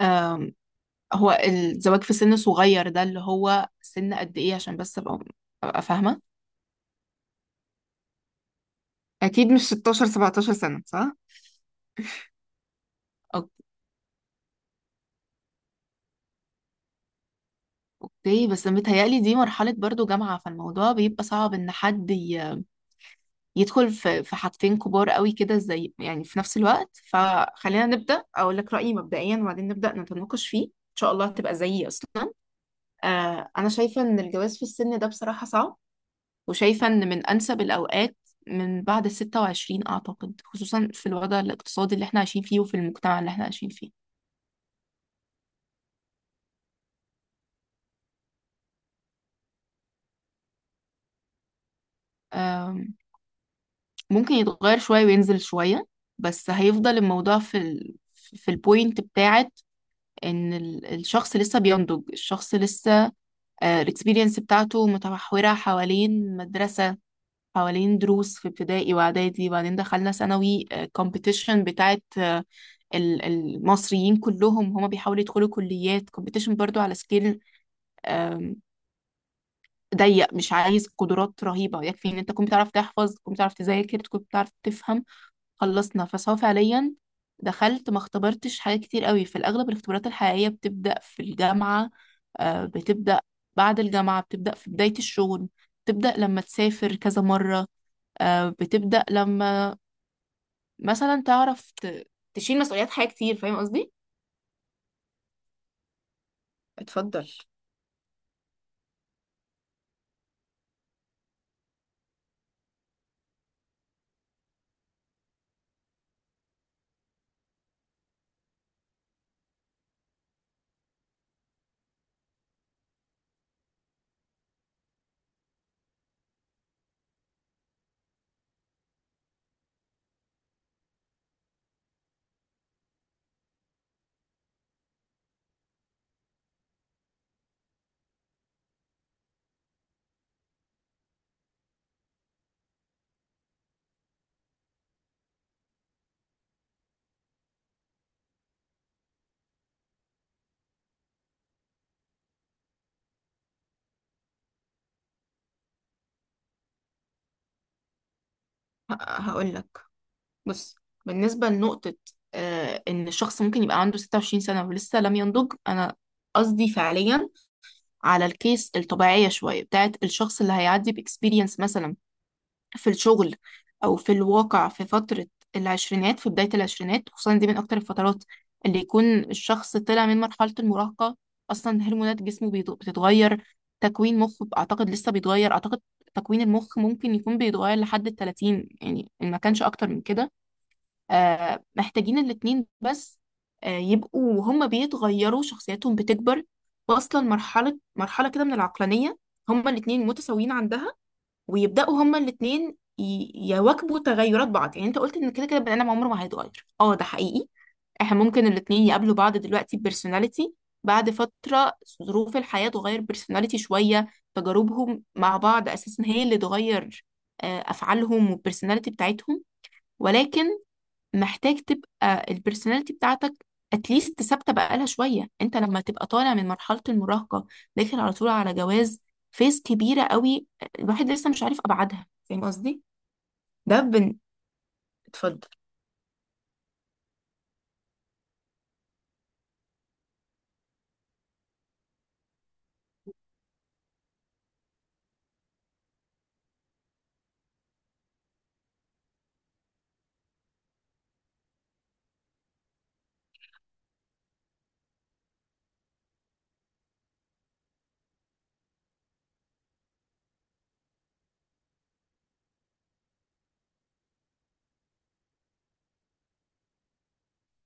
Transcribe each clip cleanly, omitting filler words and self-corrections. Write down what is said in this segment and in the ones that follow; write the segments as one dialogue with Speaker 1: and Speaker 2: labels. Speaker 1: آم، هو الزواج في سن صغير ده اللي هو سن قد ايه؟ عشان بس ابقى فاهمة. اكيد مش 16 17 سنة، صح؟ أوك- اوكي، بس متهيألي دي مرحلة برضو جامعة، فالموضوع بيبقى صعب ان حد يدخل في حاجتين كبار قوي كده زي يعني في نفس الوقت. فخلينا نبدأ اقول لك رأيي مبدئيا وبعدين نبدأ نتناقش فيه، ان شاء الله هتبقى زيي اصلا. آه انا شايفة ان الجواز في السن ده بصراحة صعب، وشايفة إن من أنسب الأوقات من بعد الـ26، أعتقد خصوصا في الوضع الاقتصادي اللي احنا عايشين فيه وفي المجتمع اللي احنا عايشين فيه. أم، ممكن يتغير شوية وينزل شوية، بس هيفضل الموضوع في في البوينت بتاعت إن الشخص لسه بينضج، الشخص لسه الاكسبيرينس بتاعته متمحورة حوالين مدرسة، حوالين دروس في ابتدائي واعدادي، وبعدين دخلنا ثانوي، كومبيتيشن بتاعت المصريين كلهم هما بيحاولوا يدخلوا كليات كومبيتيشن برضو على سكيل ضيق، مش عايز قدرات رهيبة، يكفي ان انت تكون بتعرف تحفظ، تكون بتعرف تذاكر، تكون بتعرف تفهم. خلصنا، فسواء فعليا دخلت ما اختبرتش حاجات كتير قوي، في الاغلب الاختبارات الحقيقية بتبدأ في الجامعة. بتبدأ بعد الجامعة، بتبدأ في بداية الشغل، بتبدأ لما تسافر كذا مرة. بتبدأ لما مثلا تعرف تشيل مسؤوليات حاجة كتير. فاهم قصدي؟ اتفضل. هقول لك، بص، بالنسبة لنقطة آه إن الشخص ممكن يبقى عنده 26 سنة ولسه لم ينضج، أنا قصدي فعليا على الكيس الطبيعية شوية بتاعت الشخص اللي هيعدي بإكسبيرينس مثلا في الشغل او في الواقع. في فترة العشرينات، في بداية العشرينات خصوصا، دي من اكتر الفترات اللي يكون الشخص طلع من مرحلة المراهقة. اصلا هرمونات جسمه بتتغير، تكوين مخه اعتقد لسه بيتغير. اعتقد تكوين المخ ممكن يكون بيتغير لحد الـ30 يعني، إن ما كانش اكتر من كده. آه، محتاجين الاتنين بس آه يبقوا هما بيتغيروا، شخصياتهم بتكبر، واصلا مرحلة كده من العقلانية هما الاتنين متساويين عندها، ويبداوا هما الاثنين يواكبوا تغيرات بعض. يعني انت قلت ان كده كده البني ادم عمره ما هيتغير، اه ده حقيقي. احنا ممكن الاثنين يقابلوا بعض دلوقتي بيرسوناليتي، بعد فتره ظروف الحياه تغير بيرسوناليتي شويه، تجاربهم مع بعض اساسا هي اللي تغير افعالهم والبيرسوناليتي بتاعتهم. ولكن محتاج تبقى البرسوناليتي بتاعتك اتليست ثابته بقالها شويه. انت لما تبقى طالع من مرحله المراهقه، داخل على طول على جواز، فيز كبيره قوي، الواحد لسه مش عارف ابعادها. فاهم قصدي؟ ده بن اتفضل.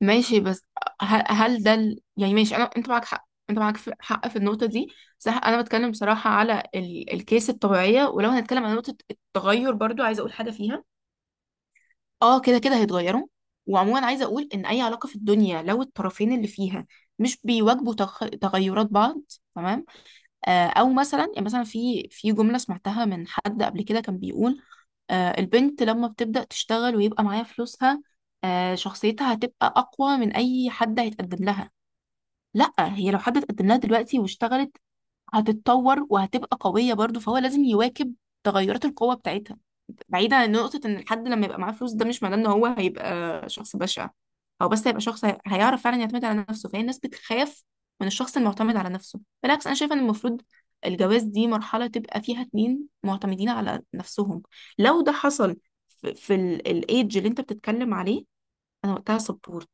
Speaker 1: ماشي، بس هل يعني ماشي، انا انت معاك حق، انت معاك حق في النقطه دي، صح. انا بتكلم بصراحه على الكيس الطبيعيه. ولو هنتكلم عن نقطه التغير برضو عايزه اقول حاجه فيها. اه كده كده هيتغيروا، وعموما عايزه اقول ان اي علاقه في الدنيا لو الطرفين اللي فيها مش بيواجهوا تغيرات بعض، تمام. او مثلا يعني مثلا في في جمله سمعتها من حد قبل كده كان بيقول آه البنت لما بتبدا تشتغل ويبقى معاها فلوسها، آه شخصيتها هتبقى اقوى من اي حد هيتقدم لها. لا، هي لو حد اتقدم لها دلوقتي واشتغلت، هتتطور وهتبقى قويه برضو، فهو لازم يواكب تغيرات القوه بتاعتها. بعيدا عن نقطة ان الحد لما يبقى معاه فلوس، ده مش معناه ان هو هيبقى شخص بشع، هو بس هيبقى شخص هيعرف فعلا يعتمد على نفسه. فهي الناس بتخاف من الشخص المعتمد على نفسه. بالعكس، انا شايفة ان المفروض الجواز دي مرحلة تبقى فيها اتنين معتمدين على نفسهم. لو ده حصل في الايدج اللي انت بتتكلم عليه، انا وقتها سبورت.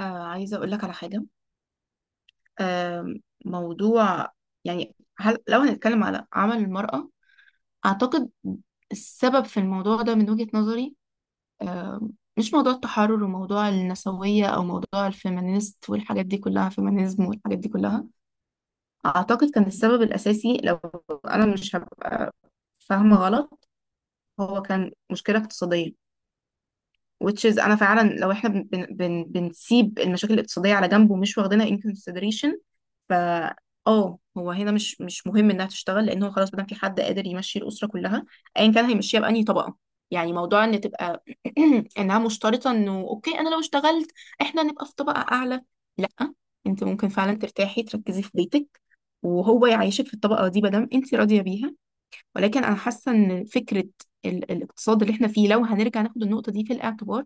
Speaker 1: آه عايزة اقول لك على حاجة، آه موضوع يعني هل لو هنتكلم على عمل المرأة، أعتقد السبب في الموضوع ده من وجهة نظري آه، مش موضوع التحرر وموضوع النسوية أو موضوع الفيمينيست والحاجات دي كلها، فيمينيزم والحاجات دي كلها. أعتقد كان السبب الأساسي، لو أنا مش هبقى فاهمة غلط، هو كان مشكلة اقتصادية. which is انا فعلا لو احنا بن بن بن بنسيب المشاكل الاقتصاديه على جنب ومش واخدينها in consideration، ف اه هو هنا مش مهم انها تشتغل، لان هو خلاص ما دام في حد قادر يمشي الاسره كلها، ايا كان هيمشيها بانهي طبقه. يعني موضوع ان تبقى انها مشترطه انه اوكي انا لو اشتغلت احنا نبقى في طبقه اعلى، لا. انت ممكن فعلا ترتاحي، تركزي في بيتك، وهو يعيشك في الطبقه دي ما دام انت راضيه بيها. ولكن انا حاسه ان فكره الاقتصاد اللي احنا فيه، لو هنرجع ناخد النقطه دي في الاعتبار،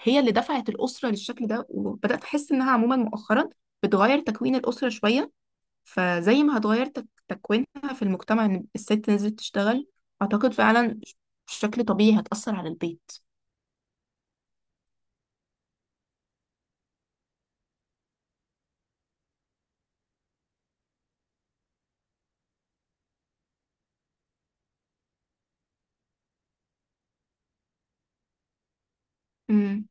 Speaker 1: هي اللي دفعت الأسرة للشكل ده. وبدأت أحس إنها عموما مؤخرا بتغير تكوين الأسرة شوية. فزي ما هتغير تكوينها في المجتمع إن الست نزلت تشتغل، أعتقد فعلا بشكل طبيعي هتأثر على البيت. امم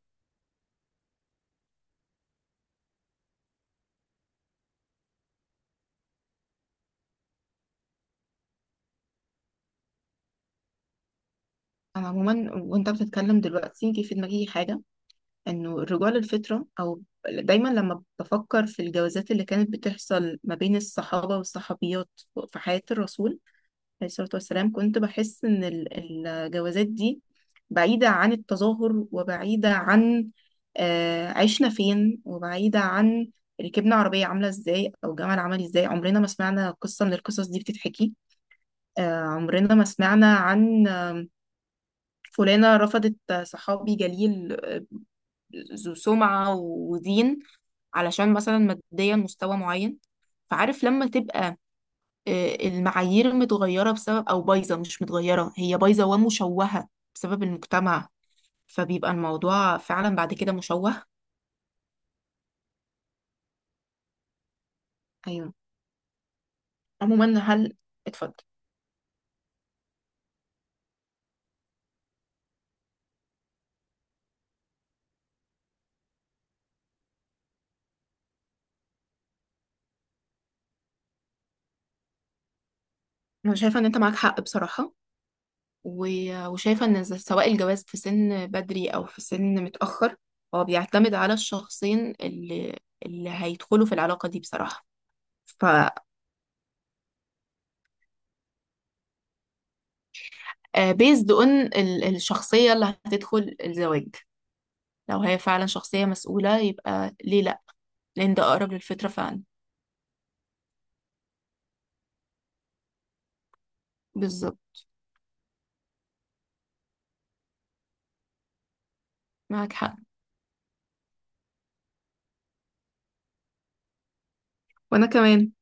Speaker 1: أنا عموما وأنت بتتكلم دلوقتي جه في دماغي حاجة، إنه الرجوع للفطرة، أو دايما لما بفكر في الجوازات اللي كانت بتحصل ما بين الصحابة والصحابيات في حياة الرسول عليه الصلاة والسلام، كنت بحس إن الجوازات دي بعيدة عن التظاهر وبعيدة عن عشنا فين، وبعيدة عن ركبنا عربية عاملة إزاي أو جمل عمل إزاي. عمرنا ما سمعنا قصة من القصص دي بتتحكي، عمرنا ما سمعنا عن فلانة رفضت صحابي جليل ذو سمعة ودين علشان مثلا ماديا مستوى معين. فعارف لما تبقى المعايير متغيرة بسبب، أو بايظة مش متغيرة، هي بايظة ومشوهة بسبب المجتمع، فبيبقى الموضوع فعلا بعد كده مشوه. أيوه. عموما هل، اتفضل. أنا شايفة إن أنت معاك حق بصراحة. و- وشايفة إن ز- سواء الجواز في سن بدري أو في سن متأخر، هو بيعتمد على الشخصين اللي اللي هيدخلوا في العلاقة دي بصراحة. ف بيزد اون الشخصية اللي هتدخل الزواج، لو هي فعلا شخصية مسؤولة يبقى ليه، لان ده اقرب للفطرة فعلا. بالظبط، معاك حق. وانا كمان.